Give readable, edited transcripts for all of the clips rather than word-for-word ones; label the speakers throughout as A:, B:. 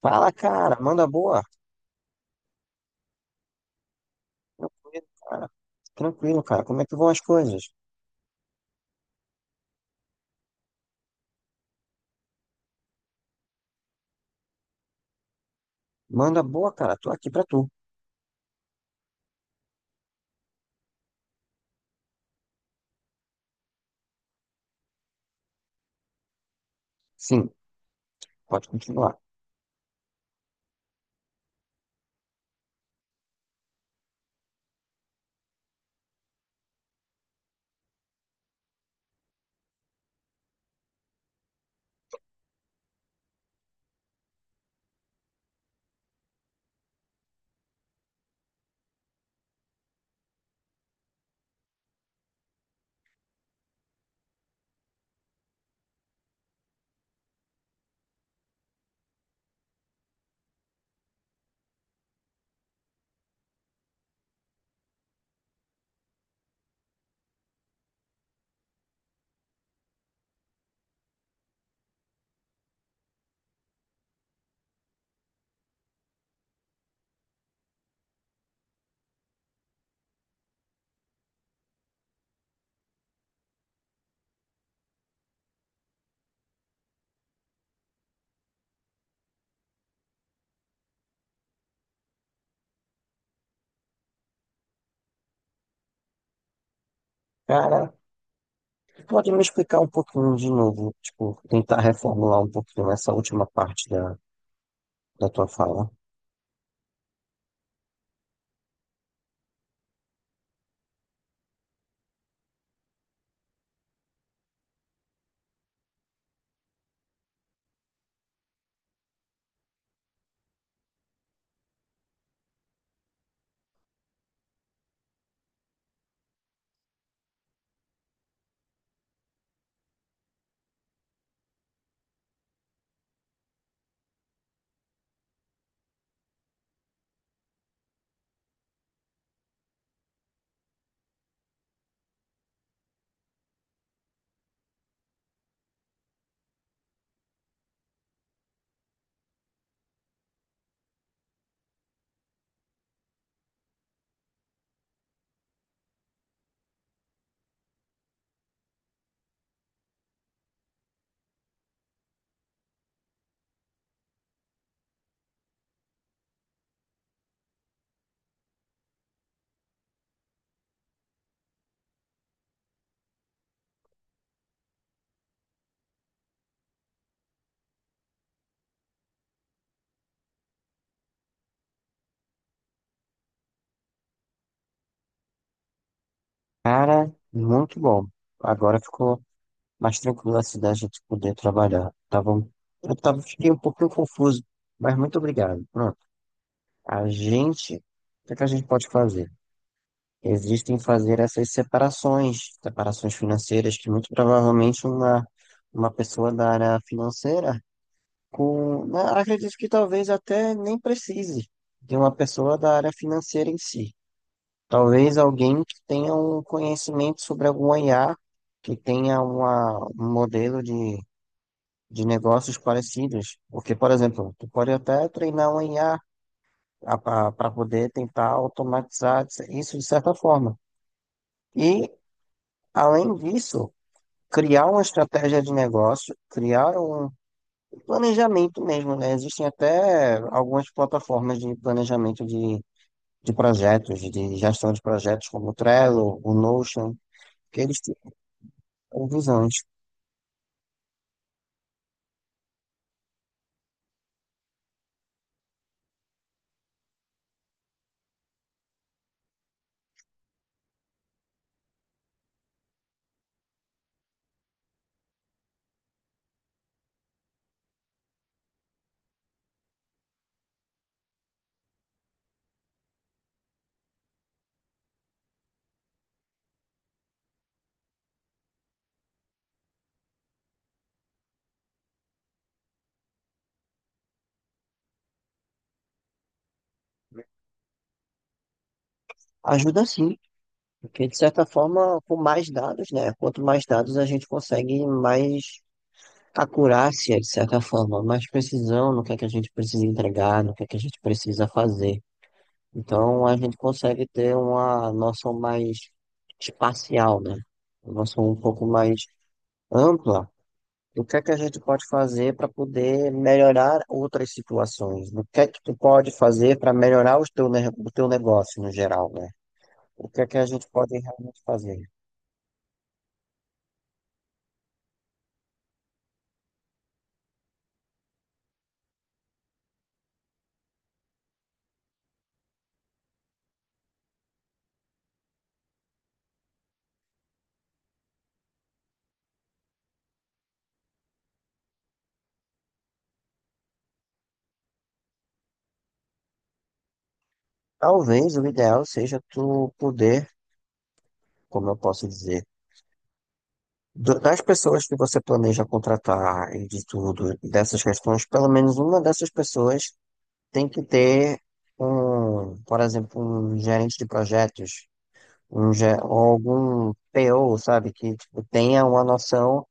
A: Fala, cara, manda boa. Tranquilo, cara. Como é que vão as coisas? Manda boa, cara. Tô aqui pra tu. Sim, pode continuar. Cara, pode me explicar um pouquinho de novo, tipo, tentar reformular um pouquinho essa última parte da tua fala. Cara, muito bom. Agora ficou mais tranquilo assim da gente poder trabalhar. Eu tava, fiquei um pouquinho confuso, mas muito obrigado. Pronto. O que é que a gente pode fazer? Existem fazer essas separações, separações financeiras que muito provavelmente uma pessoa da área financeira, com, né, acredito que talvez até nem precise de uma pessoa da área financeira em si. Talvez alguém que tenha um conhecimento sobre algum IA, que tenha um modelo de negócios parecidos. Porque, por exemplo, tu pode até treinar um IA para poder tentar automatizar isso de certa forma. E além disso, criar uma estratégia de negócio, criar um planejamento mesmo, né? Existem até algumas plataformas de planejamento de projetos, de gestão de projetos, como o Trello, o Notion, que eles têm visões. Ajuda sim, porque de certa forma, com mais dados, né? Quanto mais dados a gente consegue, mais acurácia, de certa forma, mais precisão no que é que a gente precisa entregar, no que é que a gente precisa fazer. Então a gente consegue ter uma noção mais espacial, né? Uma noção um pouco mais ampla do que é que a gente pode fazer para poder melhorar outras situações, do que é que tu pode fazer para melhorar os teu, o teu negócio no geral, né? O que é que a gente pode realmente fazer? Talvez o ideal seja tu poder, como eu posso dizer, das pessoas que você planeja contratar e de tudo, e dessas questões, pelo menos uma dessas pessoas tem que ter um, por exemplo, um gerente de projetos, ou algum PO, sabe, que tipo, tenha uma noção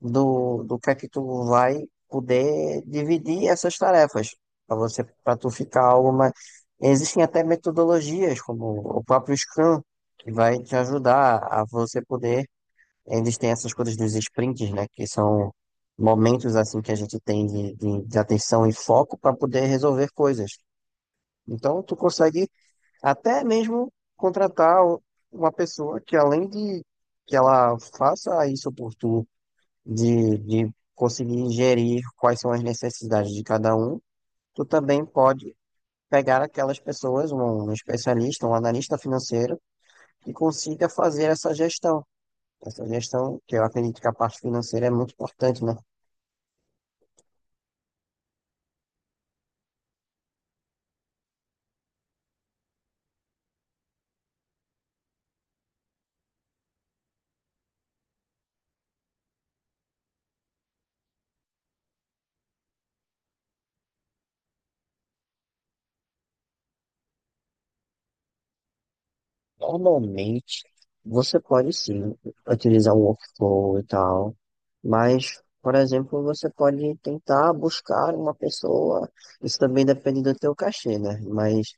A: do que é que tu vai poder dividir essas tarefas para você, para tu ficar algo mais. Existem até metodologias, como o próprio Scrum, que vai te ajudar a você poder. Eles têm essas coisas dos sprints, né, que são momentos assim que a gente tem de atenção e foco para poder resolver coisas. Então, tu consegue até mesmo uma pessoa que, além de que ela faça isso por tu, de conseguir gerir quais são as necessidades de cada um, tu também pode pegar aquelas pessoas, um especialista, um analista financeiro, que consiga fazer essa gestão. Essa gestão, que eu acredito que a parte financeira é muito importante, né? Normalmente, você pode sim utilizar um workflow e tal, mas, por exemplo, você pode tentar buscar uma pessoa, isso também depende do teu cachê, né? Mas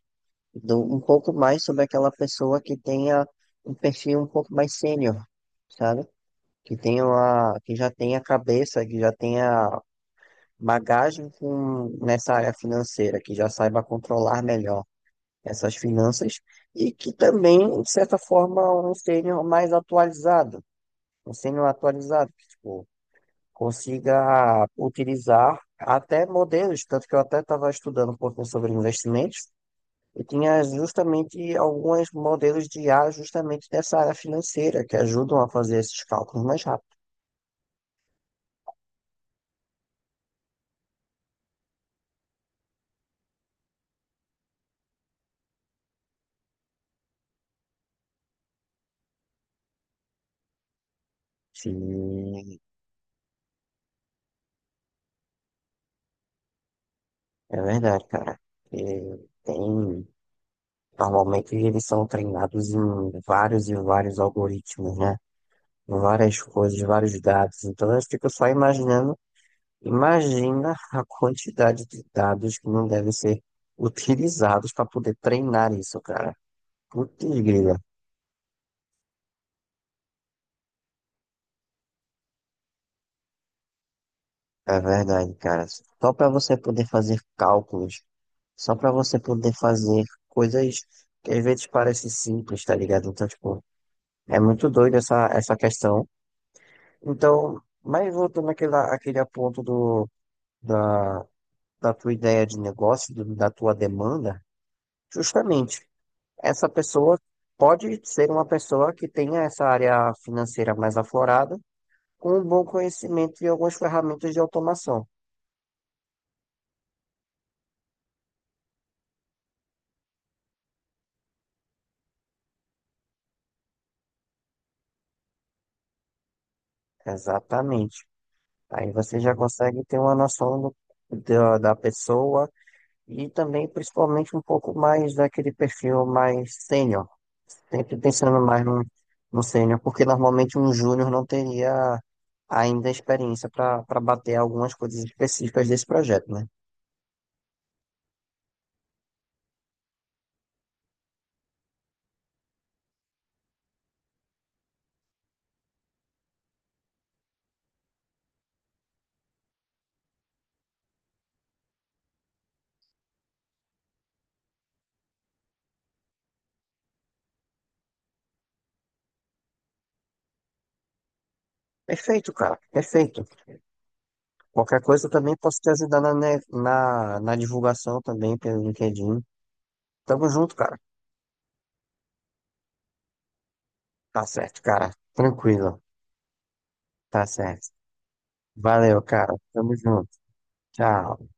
A: um pouco mais sobre aquela pessoa que tenha um perfil um pouco mais sênior, sabe? Que tenha uma, que já tenha cabeça, que já tenha bagagem com, nessa área financeira, que já saiba controlar melhor essas finanças e que também, de certa forma, um sênior mais atualizado, um sênior atualizado, que, tipo, consiga utilizar até modelos, tanto que eu até estava estudando um pouco sobre investimentos e tinha justamente alguns modelos de IA justamente dessa área financeira que ajudam a fazer esses cálculos mais rápido. Sim, é verdade, cara. E tem, normalmente eles são treinados em vários e vários algoritmos, né? Várias coisas, vários dados. Então eu fico só imaginando, imagina a quantidade de dados que não devem ser utilizados para poder treinar isso, cara. Putz, grila. É verdade, cara. Só para você poder fazer cálculos, só para você poder fazer coisas que às vezes parecem simples, tá ligado? Então, tipo, é muito doido essa questão. Então, mas voltando àquele ponto da, da tua ideia de negócio, da tua demanda, justamente, essa pessoa pode ser uma pessoa que tenha essa área financeira mais aflorada, com um bom conhecimento de algumas ferramentas de automação. Exatamente. Aí você já consegue ter uma noção da, da pessoa e também, principalmente, um pouco mais daquele perfil mais sênior. Sempre pensando mais no, no sênior, porque normalmente um júnior não teria ainda experiência para para bater algumas coisas específicas desse projeto, né? Perfeito, cara, perfeito. Qualquer coisa eu também posso te ajudar na, na divulgação também pelo LinkedIn. Tamo junto, cara. Tá certo, cara. Tranquilo. Tá certo. Valeu, cara. Tamo junto. Tchau.